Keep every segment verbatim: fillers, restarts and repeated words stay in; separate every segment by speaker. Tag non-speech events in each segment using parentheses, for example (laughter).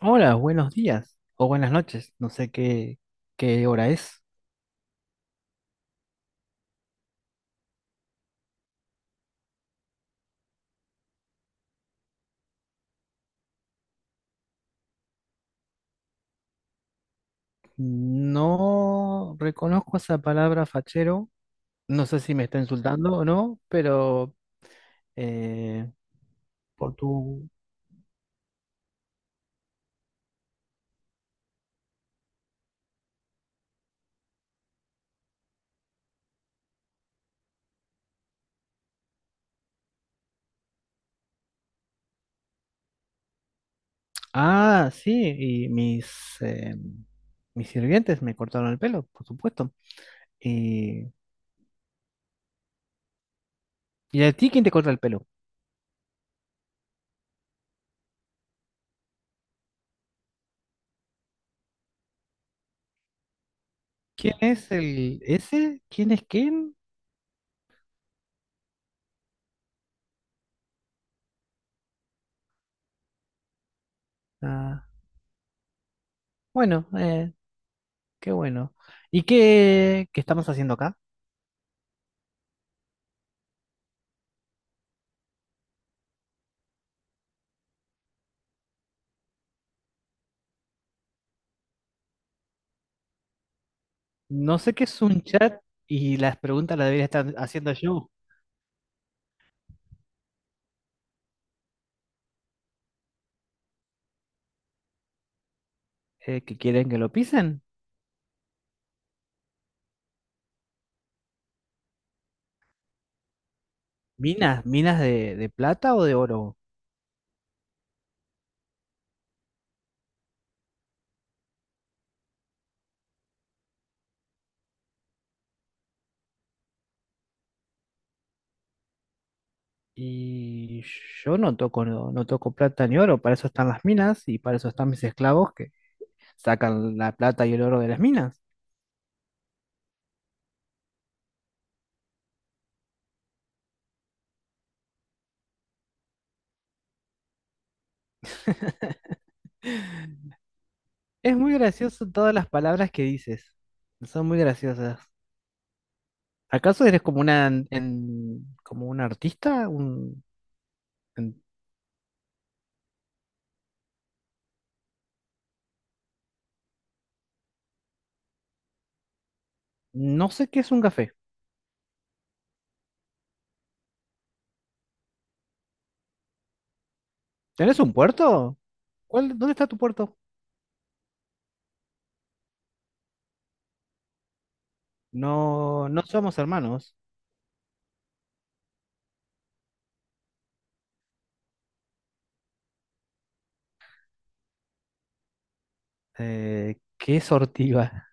Speaker 1: Hola, buenos días o buenas noches, no sé qué, qué hora es. No reconozco esa palabra fachero, no sé si me está insultando o no, pero eh, por tu... Ah, sí, y mis, eh, mis sirvientes me cortaron el pelo, por supuesto. ¿Y, ¿y a ti quién te corta el pelo? ¿Quién es el ese? ¿Quién es quién? Ah, bueno, eh, qué bueno. ¿Y qué, qué estamos haciendo acá? No sé qué es un chat y las preguntas las debería estar haciendo yo. Eh, ¿que quieren que lo pisen? Minas, minas de, de plata o de oro. Y yo no toco, no, no toco plata ni oro, para eso están las minas y para eso están mis esclavos que sacan la plata y el oro de las minas. Es muy gracioso todas las palabras que dices. Son muy graciosas. ¿Acaso eres como una en- en- como un artista? Un, en- no sé qué es un café. ¿Tenés un puerto? ¿Cuál, dónde está tu puerto? No, no somos hermanos. Eh, ¿qué es ortiga?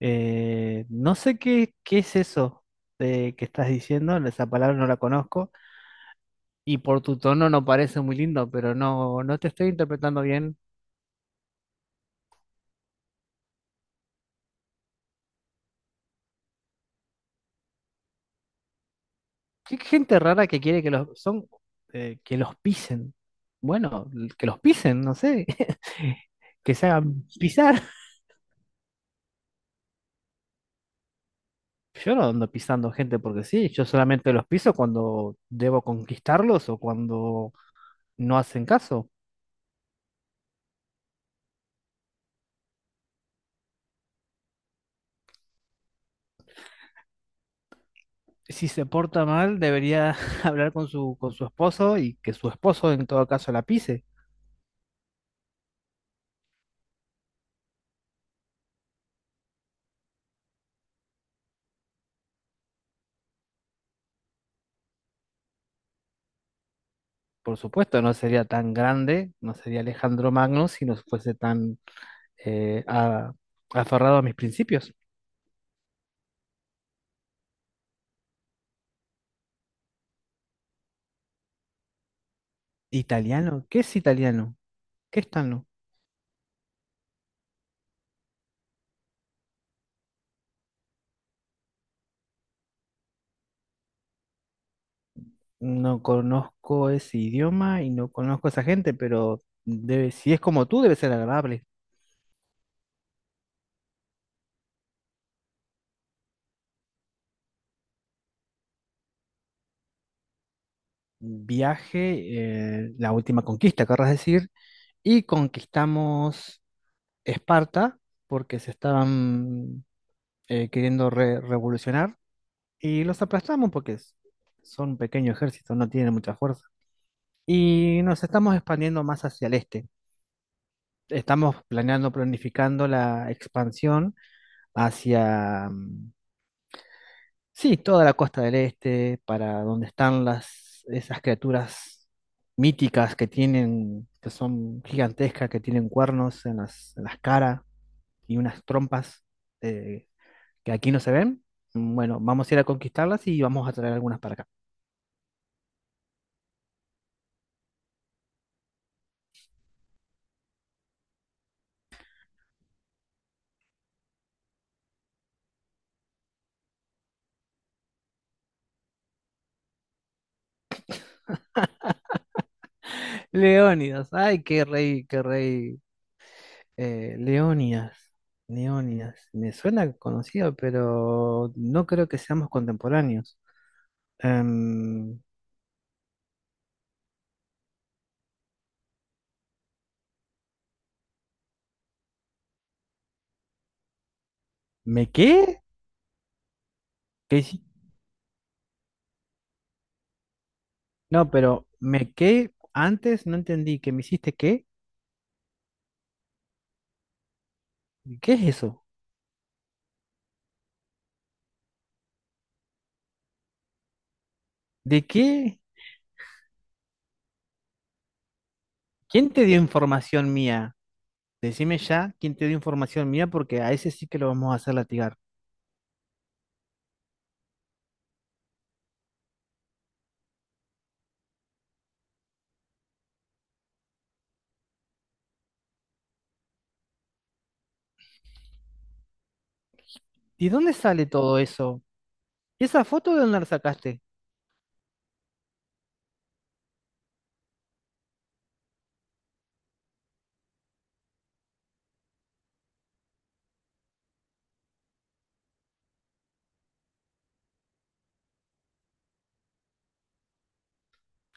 Speaker 1: Eh, no sé qué, qué es eso eh, que estás diciendo, esa palabra no la conozco y por tu tono no parece muy lindo, pero no, no te estoy interpretando bien. ¿Qué gente rara que quiere que los son eh, que los pisen? Bueno, que los pisen, no sé, (laughs) que se hagan pisar. Yo no ando pisando gente porque sí, yo solamente los piso cuando debo conquistarlos o cuando no hacen caso. Si se porta mal, debería (laughs) hablar con su, con su esposo y que su esposo en todo caso la pise. Por supuesto, no sería tan grande, no sería Alejandro Magno si no fuese tan eh, a- aferrado a mis principios. ¿Italiano? ¿Qué es italiano? ¿Qué es tano? No conozco ese idioma y no conozco a esa gente, pero debe, si es como tú, debe ser agradable. Viaje, eh, la última conquista, querrás decir, y conquistamos Esparta, porque se estaban eh, queriendo re- revolucionar, y los aplastamos porque s- son un pequeño ejército, no tienen mucha fuerza. Y nos estamos expandiendo más hacia el este. Estamos planeando, planificando la expansión hacia, mm, sí, toda la costa del este, para donde están las, esas criaturas míticas que tienen, que son gigantescas, que tienen cuernos en las, en las caras y unas trompas eh, que aquí no se ven. Bueno, vamos a ir a conquistarlas y vamos a traer algunas para acá. Leónidas, ay, qué rey, qué rey. Eh, Leónidas, Leónidas, me suena conocido, pero no creo que seamos contemporáneos. Em, ¿me qué? ¿Qué hici- No, pero ¿me qué? Antes no entendí que me hiciste qué. ¿Qué es eso? ¿De qué? ¿Quién te dio información mía? Decime ya quién te dio información mía porque a ese sí que lo vamos a hacer latigar. ¿Y dónde sale todo eso? ¿Y esa foto de dónde la sacaste?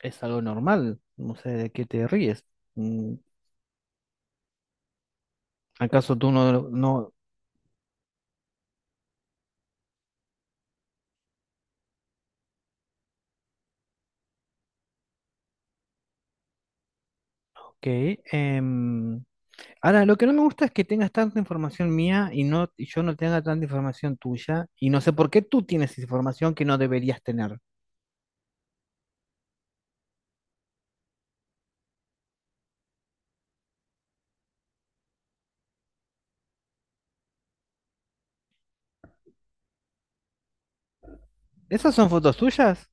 Speaker 1: Es algo normal, no sé de qué te ríes. Mm, ¿acaso tú no... no... Ok, em, ahora, lo que no me gusta es que tengas tanta información mía y, no, y yo no tenga tanta información tuya. Y no sé por qué tú tienes información que no deberías tener. ¿Esas son fotos tuyas?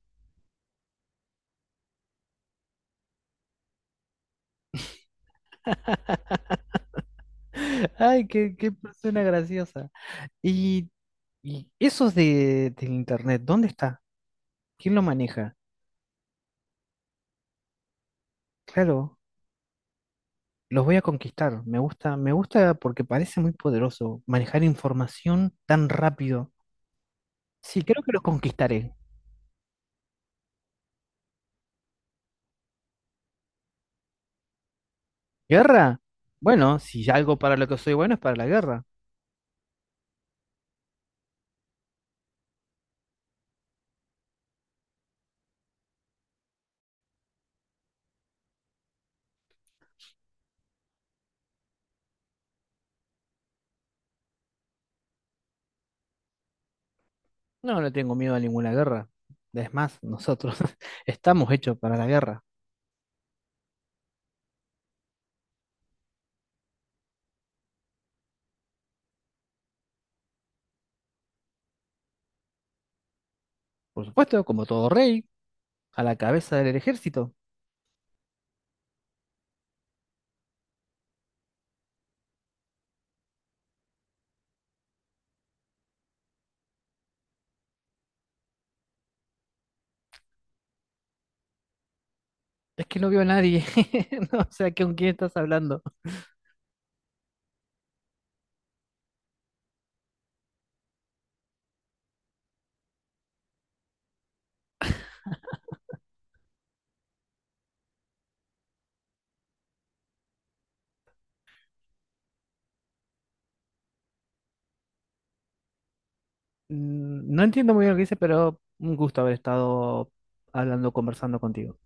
Speaker 1: (laughs) Ay, qué, qué persona graciosa. Y, y eso de, del internet, ¿dónde está? ¿Quién lo maneja? Claro, los voy a conquistar. Me gusta, me gusta porque parece muy poderoso manejar información tan rápido. Sí, creo que los conquistaré. ¿Guerra? Bueno, si algo para lo que soy bueno es para la guerra. No, no tengo miedo a ninguna guerra. Es más, nosotros (laughs) estamos hechos para la guerra. Por supuesto, como todo rey, a la cabeza del ejército. Es que no veo a nadie. (laughs) No, o sea, ¿con quién estás hablando? Mm, no entiendo muy bien lo que dice, pero un gusto haber estado hablando, conversando contigo.